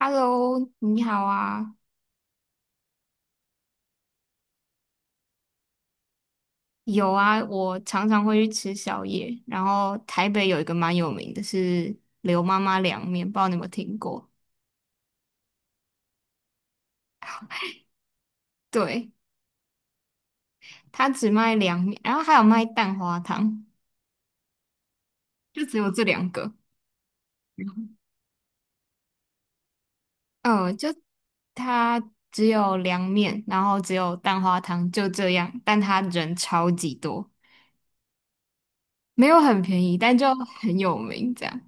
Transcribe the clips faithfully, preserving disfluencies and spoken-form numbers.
Hello，你好啊，有啊，我常常会去吃宵夜。然后台北有一个蛮有名的是刘妈妈凉面，不知道你有没有听过？对，它只卖凉面，然后还有卖蛋花汤，就只有这两个。嗯，呃就它只有凉面，然后只有蛋花汤，就这样。但它人超级多，没有很便宜，但就很有名这样。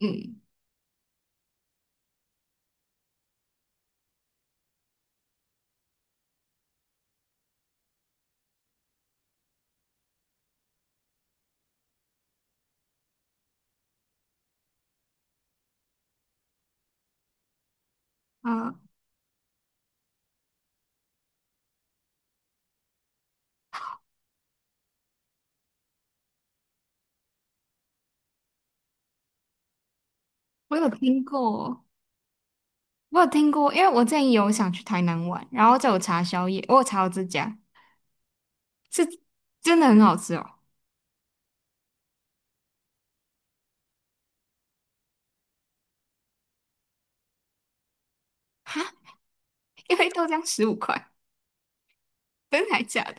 嗯啊，我有听过。我有听过，因为我之前有想去台南玩，然后就有查宵夜，我有查到这家是真的很好吃哦，一杯豆浆十五块，真的还假的？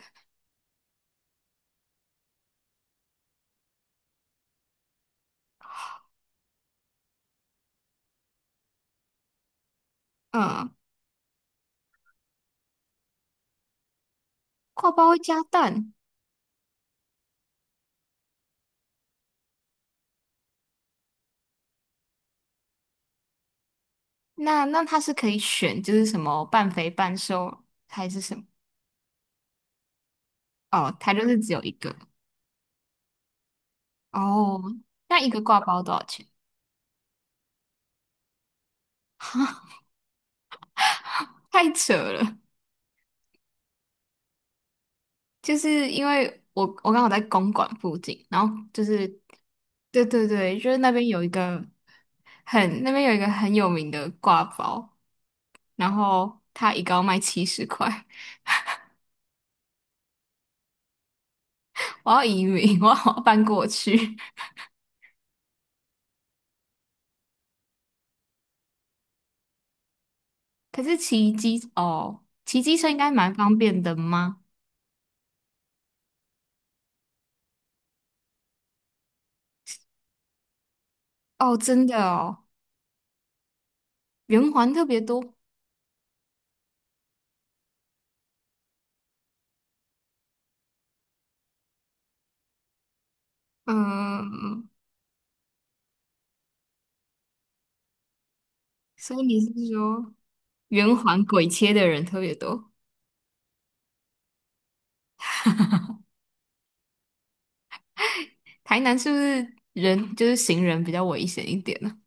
嗯，挂包会加蛋，那那它是可以选，就是什么半肥半瘦还是什么？哦，它就是只有一个哦，那一个挂包多少钱？太扯了，就是因为我我刚好在公馆附近，然后就是对对对，就是那边有一个很那边有一个很有名的挂包，然后它一个要卖七十块，我要移民，我要搬过去。可是骑机哦，骑机车应该蛮方便的吗？哦，真的哦，圆环特别多，嗯，所以你是说圆环鬼切的人特别多？台南是不是人就是行人比较危险一点呢？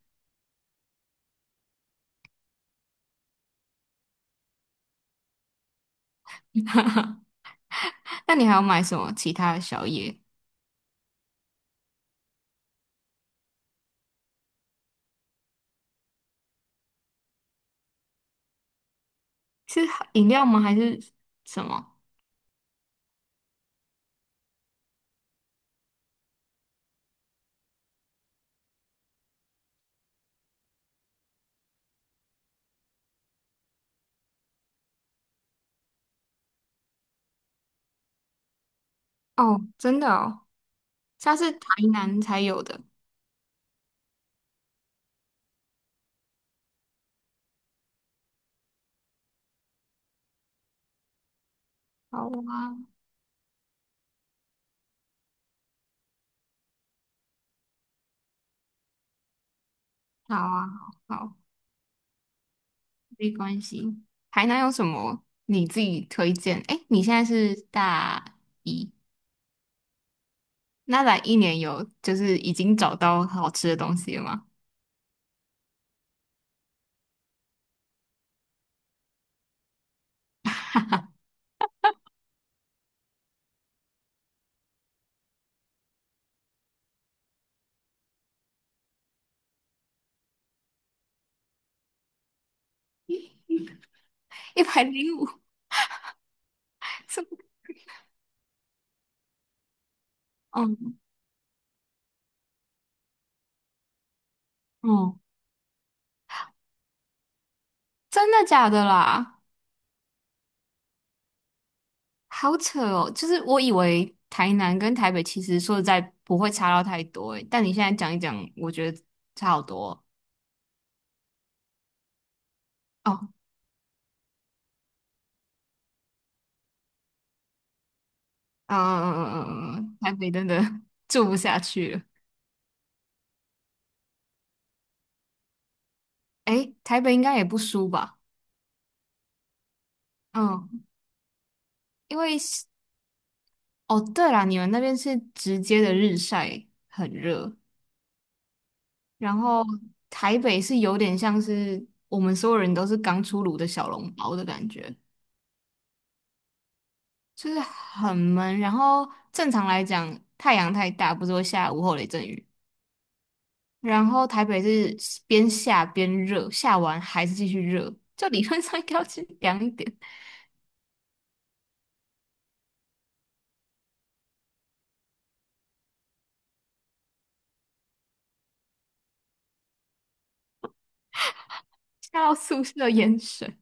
那你还要买什么其他的宵夜？是饮料吗？还是什么？哦，真的哦，它是台南才有的。好啊，好啊，好，好，没关系。台南有什么你自己推荐？哎，你现在是大一，那来一年有就是已经找到好吃的东西了吗？一百零五，是吗？嗯嗯，真的假的啦？好扯哦！就是我以为台南跟台北其实说实在不会差到太多诶，但你现在讲一讲，我觉得差好多哦。哦嗯嗯嗯嗯嗯，嗯台北真的 住不下去了。诶，台北应该也不输吧？嗯，因为是哦，对啦，你们那边是直接的日晒，很热，然后台北是有点像是我们所有人都是刚出炉的小笼包的感觉。就是很闷。然后正常来讲，太阳太大，不是会下午后雷阵雨。然后台北是边下边热，下完还是继续热，就理论上应该要去凉一点，下到宿舍淹水，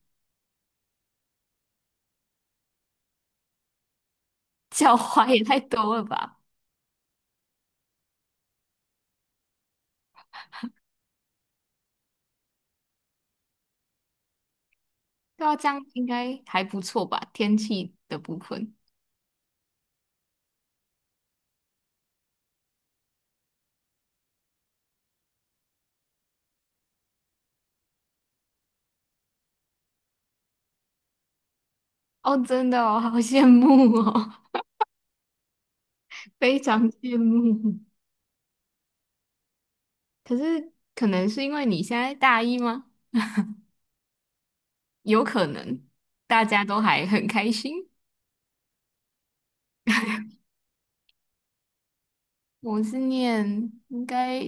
脚踝也太多了吧？对啊，这样应该还不错吧？天气的部分哦，真的哦，好羡慕哦，非常羡慕。可是可能是因为你现在大一吗？有可能，大家都还很开心。我是念应该，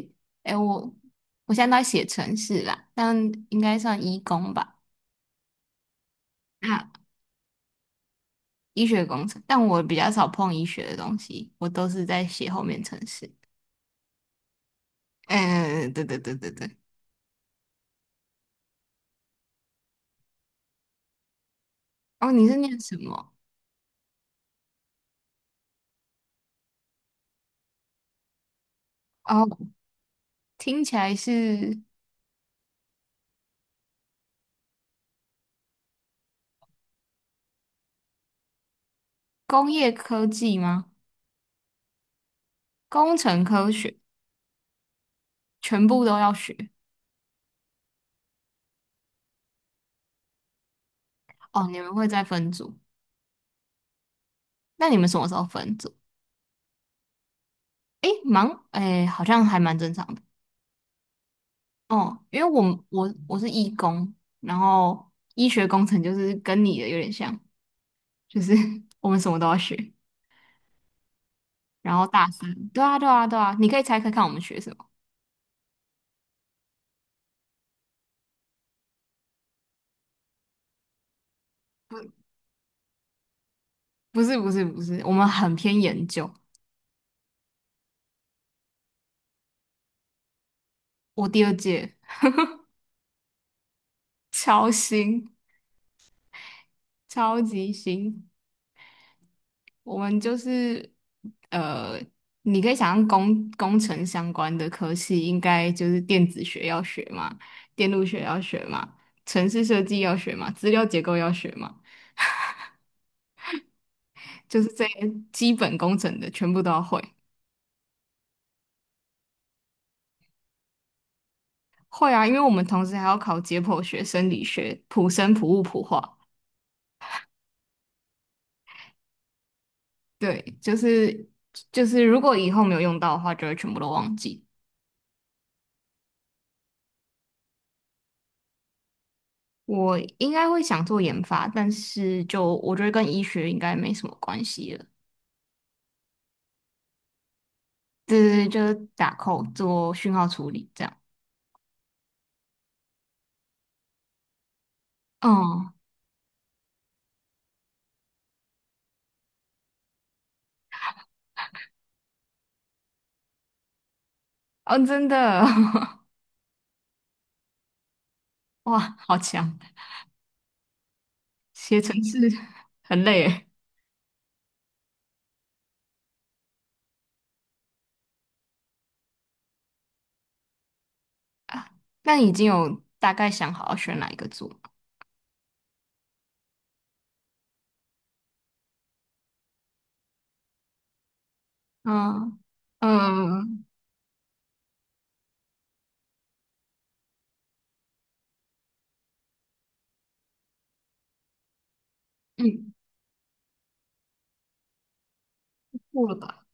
哎，我我现在都在写城市啦，但应该算医工吧，啊，医学工程，但我比较少碰医学的东西，我都是在写后面程式。嗯，对对对对对。哦，你是念什么？哦，听起来是工业科技吗？工程科学，全部都要学。哦，你们会再分组？那你们什么时候分组？诶，忙，诶，好像还蛮正常的。哦，因为我们我我是医工，然后医学工程就是跟你的有点像，就是 我们什么都要学。然后大三，对啊，对啊，对啊，你可以猜猜看我们学什么？不是，不是，不是，我们很偏研究。我第二届超新，超级新，我们就是呃，你可以想象工工程相关的科系，应该就是电子学要学嘛，电路学要学嘛，城市设计要学嘛，资料结构要学嘛。就是这些基本工程的全部都要会。会啊，因为我们同时还要考解剖学、生理学、普生、普物、普化。对，就是就是，如果以后没有用到的话，就会全部都忘记。我应该会想做研发，但是就我觉得跟医学应该没什么关系了。对对对，就是打扣做讯号处理这样。嗯哦，真的，哇，好强！写程式很累诶。啊那你已经有大概想好要选哪一个做？嗯嗯嗯，过了吧？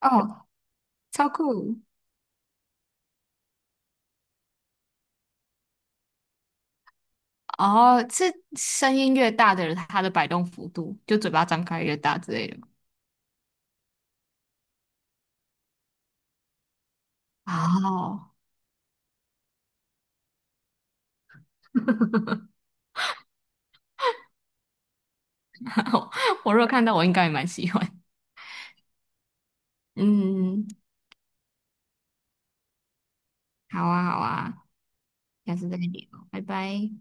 哦，超酷！哦，是声音越大的人，他的摆动幅度就嘴巴张开越大之类的吗。哦，我如果看到，我应该也蛮喜欢。嗯，好啊，好啊，下次再聊，拜拜。